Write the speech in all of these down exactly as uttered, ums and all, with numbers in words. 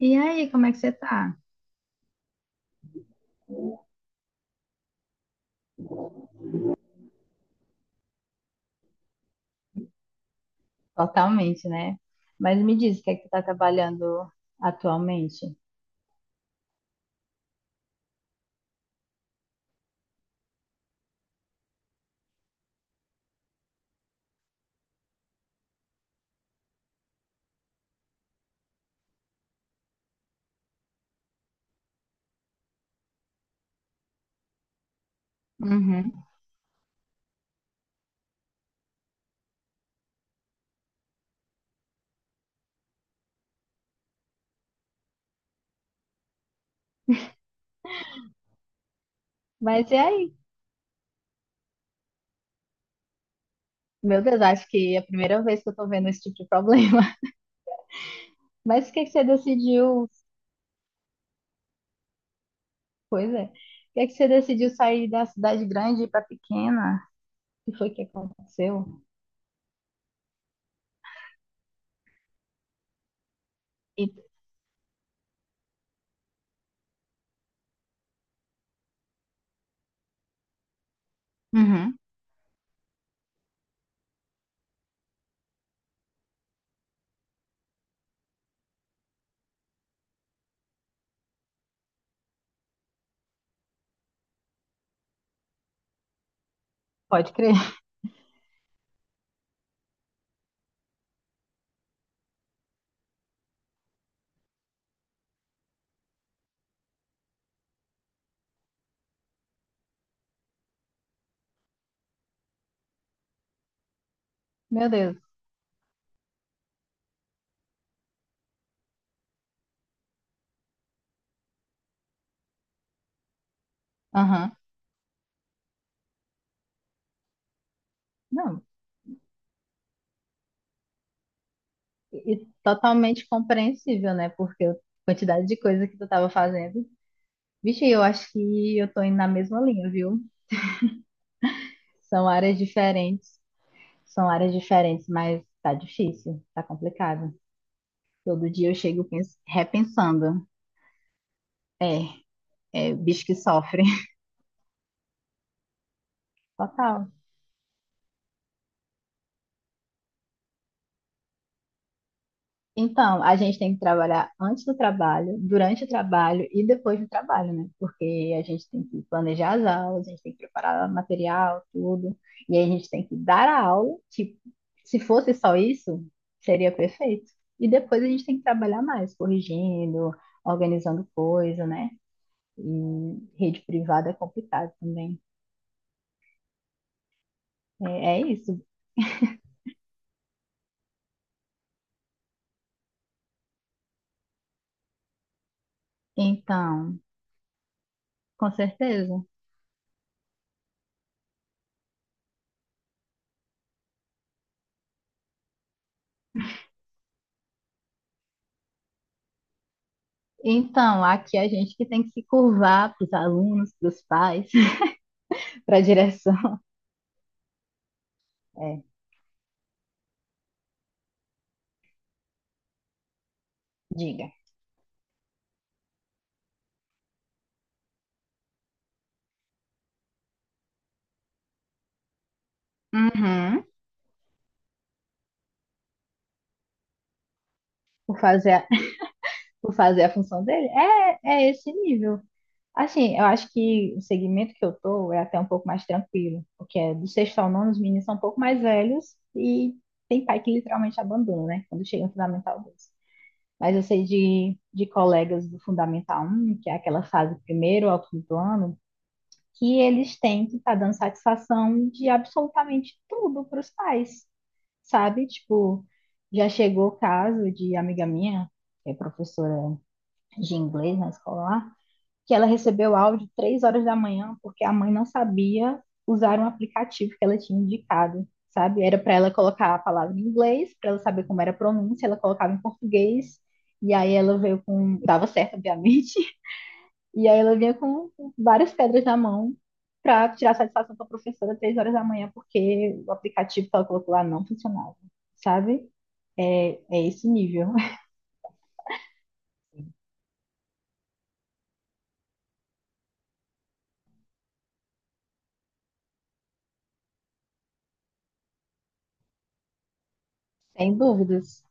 E aí, como é que você tá? Totalmente, né? Mas me diz, o que é que tu tá trabalhando atualmente? Uhum. Mas e aí? Meu Deus, acho que é a primeira vez que eu tô vendo esse tipo de problema. Mas o que é que você decidiu? Pois é. O que é que você decidiu sair da cidade grande e ir pra pequena? O que foi que aconteceu? E Uhum. pode crer. Meu Deus. Aham. Não. E, e totalmente compreensível, né? Porque a quantidade de coisa que tu tava fazendo. Vixe, eu acho que eu tô indo na mesma linha, viu? São áreas diferentes, são áreas diferentes, mas tá difícil, tá complicado. Todo dia eu chego pens- repensando. É, é, bicho que sofre. Total. Então, a gente tem que trabalhar antes do trabalho, durante o trabalho e depois do trabalho, né? Porque a gente tem que planejar as aulas, a gente tem que preparar material, tudo. E aí a gente tem que dar a aula, tipo, se fosse só isso, seria perfeito. E depois a gente tem que trabalhar mais, corrigindo, organizando coisa, né? E rede privada é complicado também. É, é, isso. Então, com certeza. Então, aqui é a gente que tem que se curvar para os alunos, para os pais. para a direção. É, diga. Uhum. Por fazer, a, por fazer a função dele. É, é esse nível. Assim, eu acho que o segmento que eu tô é até um pouco mais tranquilo, porque é do sexto ao nono os meninos são um pouco mais velhos e tem pai que literalmente abandona, né? Quando chega no Fundamental dois. Mas eu sei de, de colegas do Fundamental um, que é aquela fase primeiro ao quinto ano, que eles têm que estar tá dando satisfação de absolutamente tudo para os pais. Sabe? Tipo, já chegou o caso de amiga minha, que é professora de inglês na escola lá, que ela recebeu áudio três horas da manhã porque a mãe não sabia usar um aplicativo que ela tinha indicado, sabe? Era para ela colocar a palavra em inglês, para ela saber como era a pronúncia, ela colocava em português, e aí ela veio com, dava certo, obviamente, e aí ela vinha com várias pedras na mão para tirar satisfação com a professora três horas da manhã, porque o aplicativo que ela colocou lá não funcionava, sabe? É, é esse nível, sem dúvidas.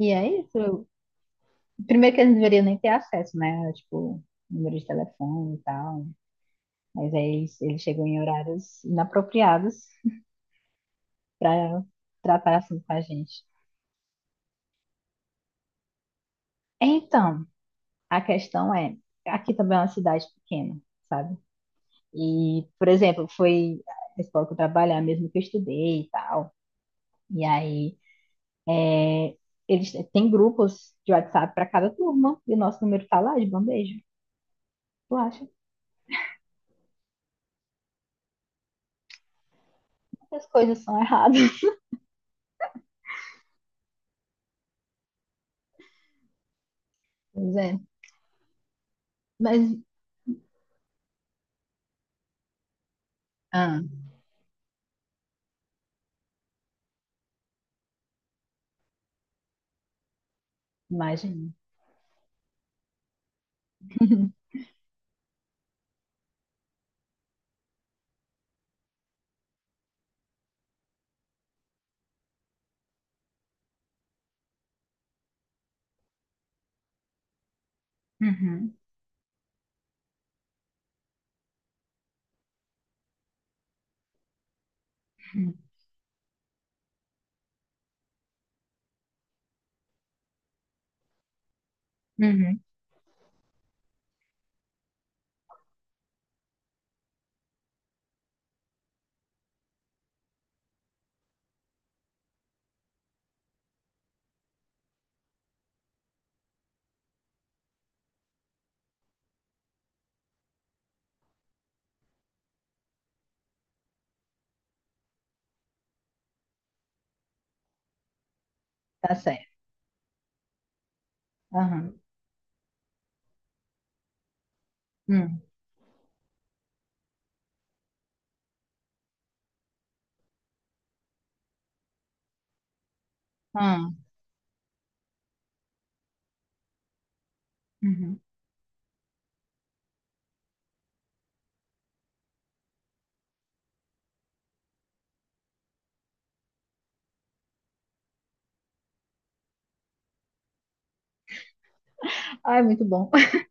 E é isso. Primeiro que eles não deveriam nem ter acesso, né? Tipo, número de telefone e tal. Mas aí eles, eles chegam em horários inapropriados para tratar assim com a gente. Então, a questão é, aqui também é uma cidade pequena, sabe? E, por exemplo, foi a escola que eu trabalhar mesmo que eu estudei e tal. E aí, é, eles têm grupos de WhatsApp para cada turma, e o nosso número tá lá de bandeja. Tu acha que as coisas são erradas? Pois é. Mas, ah, imagina. Uhum, uhum, uhum. Tá certo. Aham. Hum, ah, uhum. Ai, muito bom.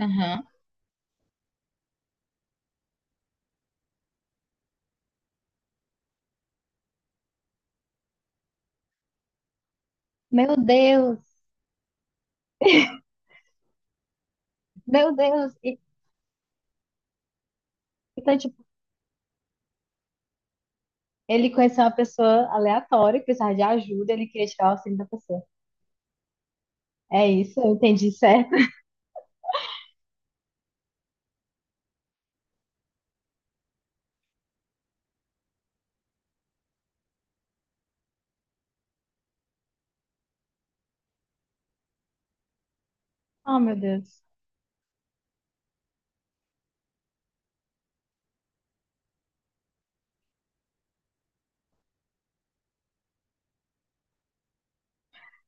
Aham. Meu Deus, meu Deus. E- Então, tipo, ele conheceu uma pessoa aleatória que precisava de ajuda, ele queria tirar o auxílio da pessoa. É isso, eu entendi certo. Oh, meu Deus.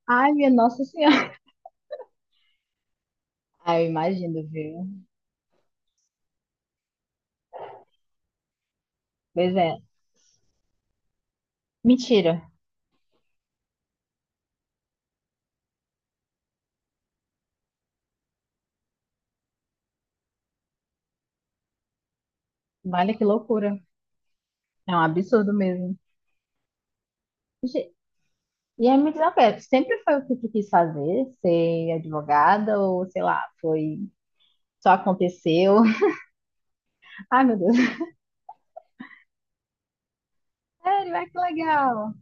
Ai, minha Nossa Senhora. Ai, eu imagino, viu? Pois é. Mentira. Olha que loucura. É um absurdo mesmo. Ge- E aí me diz uma coisa, sempre foi o que tu quis fazer? Ser advogada ou, sei lá, foi... Só aconteceu? Ai, meu Deus. Sério, ai, que legal.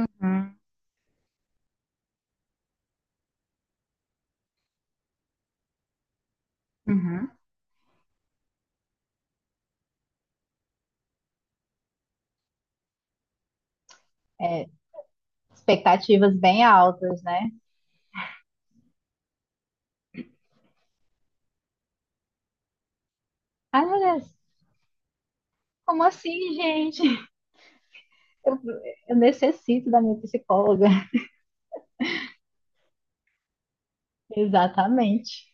Uhum. Uhum. É, expectativas bem altas, né? Ai, meu Deus. Como assim, gente? Eu, eu necessito da minha psicóloga. Exatamente.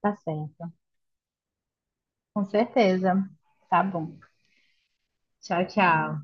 Tá certo. Com certeza. Tá bom. Tchau, tchau.